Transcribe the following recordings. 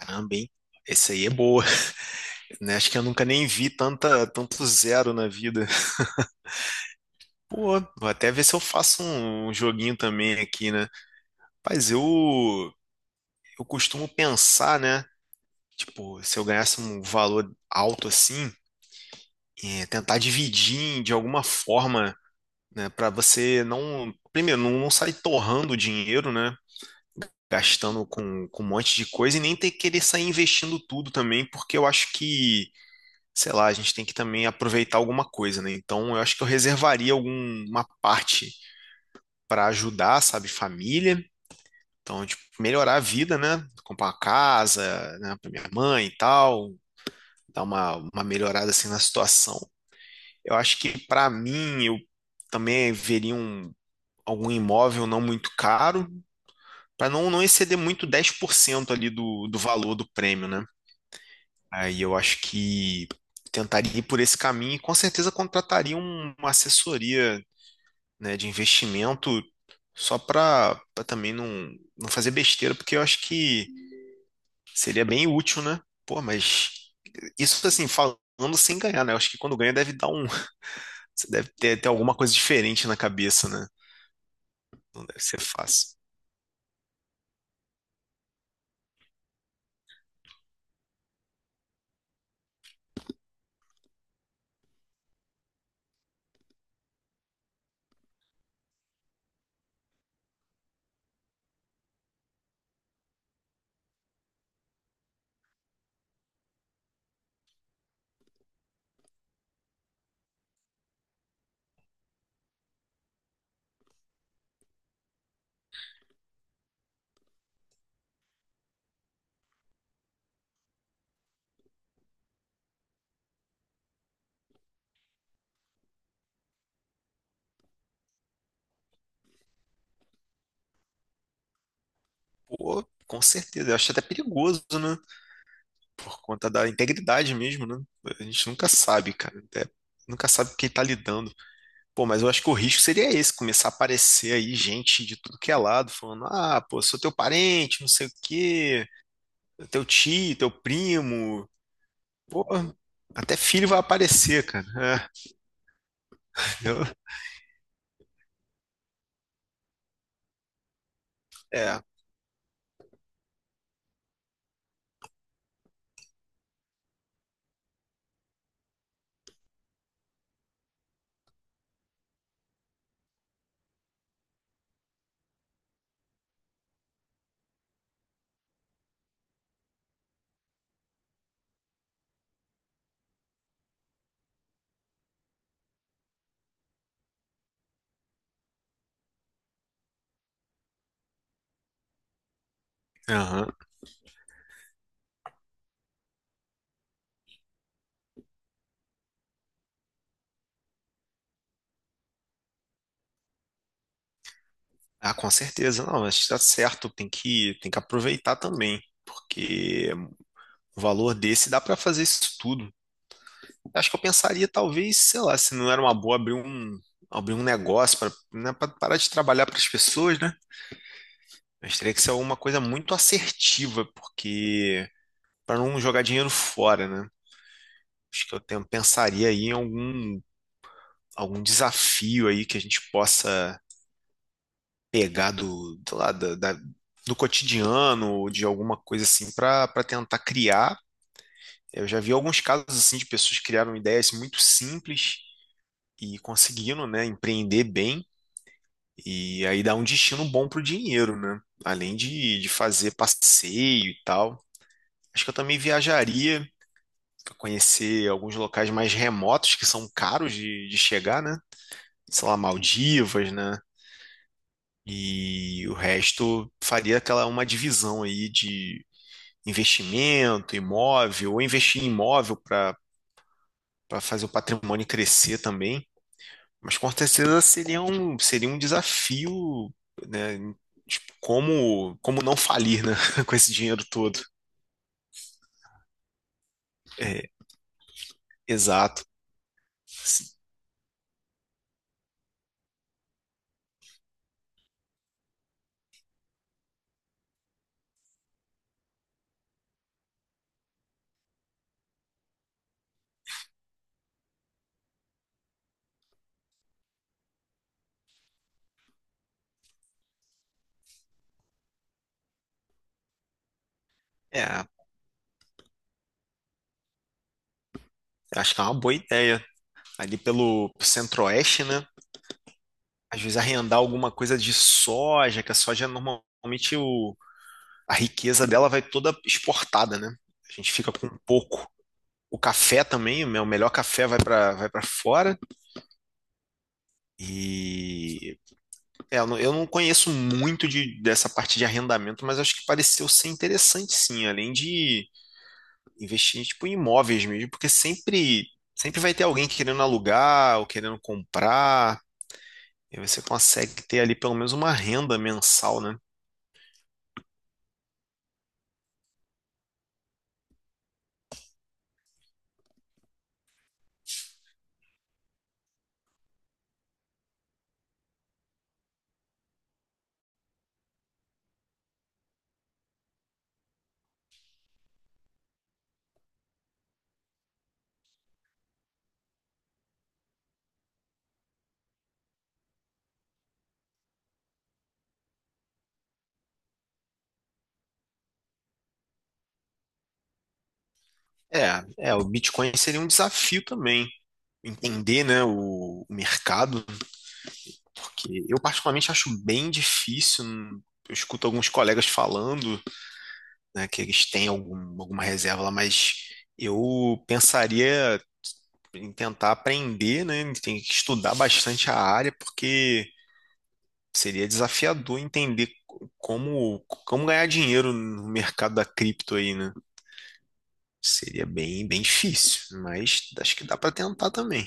Caramba, hein? Esse aí é boa, né? Acho que eu nunca nem vi tanto zero na vida. Pô, vou até ver se eu faço um joguinho também aqui, né? Mas eu, eu costumo pensar, né? Tipo, se eu ganhasse um valor alto assim, tentar de alguma forma, né? Pra você não, primeiro, não sair torrando o dinheiro, né? Gastando com um monte de coisa e nem ter que querer sair investindo tudo também, porque eu acho que sei lá, a gente tem que também aproveitar alguma coisa, né? Então, eu acho que eu reservaria alguma parte para ajudar, sabe, família. Então, tipo, melhorar a vida, né? Comprar uma casa, né, para minha mãe e tal, dar uma melhorada assim na situação. Eu acho que para mim, eu também algum imóvel não muito caro, para não, não exceder muito 10% ali do valor do prêmio, né? Aí eu acho que tentaria ir por esse caminho e com certeza contrataria uma assessoria, né, de investimento só para também não, não fazer besteira, porque eu acho que seria bem útil, né? Pô, mas isso assim, falando sem ganhar, né? Eu acho que quando ganha deve dar um. Você deve ter alguma coisa diferente na cabeça, né? Não deve ser fácil. Pô, com certeza. Eu acho até perigoso, né? Por conta da integridade mesmo, né? A gente nunca sabe, cara. Nunca sabe com quem tá lidando. Pô, mas eu acho que o risco seria esse, começar a aparecer aí gente de tudo que é lado, falando, ah, pô, sou teu parente, não sei o quê, teu tio, teu primo, pô, até filho vai aparecer, cara. É, eu- é, aham. Ah, com certeza, não, mas tá certo, tem que aproveitar também, porque o valor desse dá pra fazer isso tudo. Acho que eu pensaria, talvez, sei lá, se não era uma boa abrir um negócio para, né, para parar de trabalhar para as pessoas, né? Mas teria que ser alguma coisa muito assertiva, porque para não jogar dinheiro fora, né? Acho que pensaria aí em algum desafio aí que a gente possa pegar lá, do cotidiano, ou de alguma coisa assim, para tentar criar. Eu já vi alguns casos assim de pessoas que criaram ideias muito simples e conseguiram, né, empreender bem. E aí dá um destino bom pro dinheiro, né? Além de fazer passeio e tal. Acho que eu também viajaria para conhecer alguns locais mais remotos que são caros de chegar, né? Sei lá, Maldivas, né? E o resto faria aquela uma divisão aí de investimento, imóvel, ou investir em imóvel para fazer o patrimônio crescer também. Mas com certeza seria um desafio, né? Tipo, como não falir, né? Com esse dinheiro todo. É, exato. Sim. É, acho que é uma boa ideia. Ali pelo centro-oeste, né? Às vezes arrendar alguma coisa de soja, que a soja normalmente a riqueza dela vai toda exportada, né? A gente fica com pouco. O café também, o meu melhor café vai para vai para fora. E é, eu não conheço muito dessa parte de arrendamento, mas acho que pareceu ser interessante sim, além de investir tipo, em imóveis mesmo, porque sempre, sempre vai ter alguém querendo alugar ou querendo comprar, e você consegue ter ali pelo menos uma renda mensal, né? É, é, o Bitcoin seria um desafio também, entender, né, o mercado, porque eu particularmente acho bem difícil, eu escuto alguns colegas falando né, que eles têm alguma reserva lá, mas eu pensaria em tentar aprender, né? Tem que estudar bastante a área, porque seria desafiador entender como, como ganhar dinheiro no mercado da cripto aí, né? Seria bem difícil, mas acho que dá para tentar também.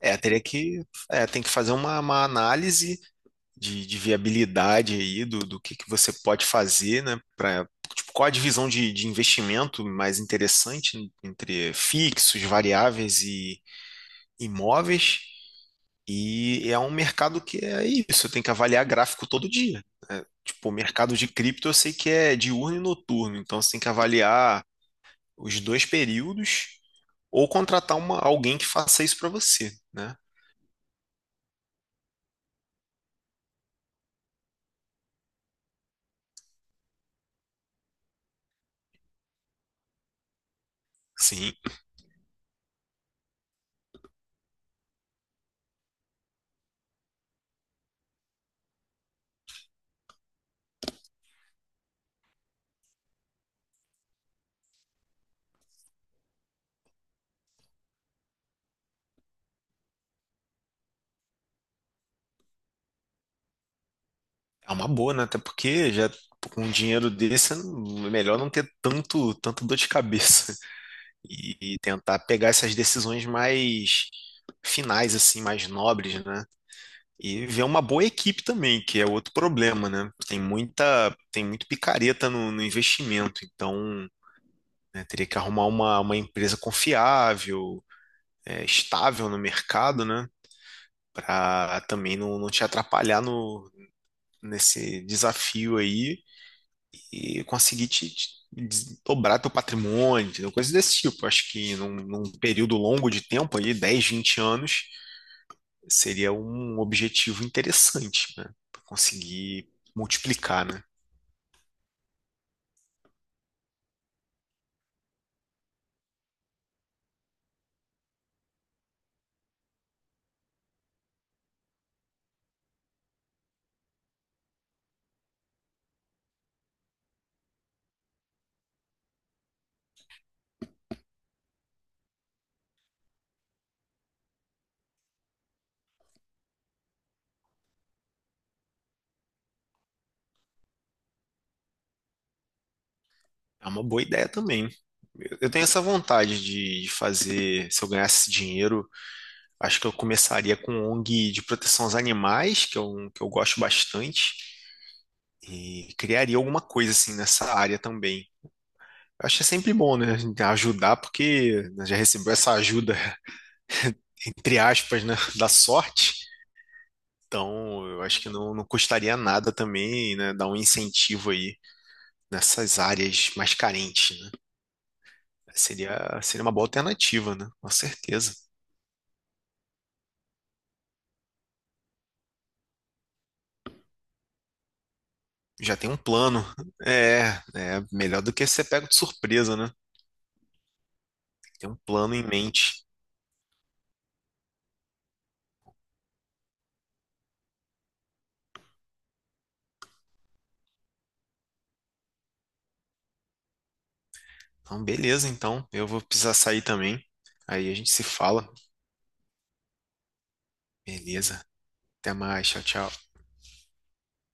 É, teria que, é, tem que fazer uma análise de viabilidade aí do que você pode fazer, né? Pra, tipo, qual a divisão de investimento mais interessante entre fixos, variáveis e imóveis? E é um mercado que é isso, eu tenho que avaliar gráfico todo dia. Né? Tipo, o mercado de cripto eu sei que é diurno e noturno, então você tem que avaliar os dois períodos ou contratar uma, alguém que faça isso para você, né? Sim, é uma boa, né? Até porque já com um dinheiro desse é melhor não ter tanto dor de cabeça e tentar pegar essas decisões mais finais, assim, mais nobres, né? E ver uma boa equipe também, que é outro problema, né? Tem muito picareta no investimento, então né, teria que arrumar uma empresa confiável, é, estável no mercado, né? Para também não, não te atrapalhar no, nesse desafio aí e conseguir te dobrar teu patrimônio, entendeu? Coisas desse tipo. Acho que num período longo de tempo, ali, 10 20 anos, seria um objetivo interessante, né? Pra conseguir multiplicar, né? É uma boa ideia também. Eu tenho essa vontade de fazer, se eu ganhasse dinheiro, acho que eu começaria com ONG de proteção aos animais, que é um que eu gosto bastante, e criaria alguma coisa assim nessa área também. Acho que é sempre bom, né? A gente ajudar, porque né, já recebeu essa ajuda, entre aspas, né? Da sorte. Então, eu acho que não, não custaria nada também, né? Dar um incentivo aí nessas áreas mais carentes, né? Seria, seria uma boa alternativa, né? Com certeza. Já tem um plano. É, é melhor do que ser pego de surpresa, né? Tem um plano em mente. Então, beleza, então. Eu vou precisar sair também. Aí a gente se fala. Beleza. Até mais. Tchau, tchau.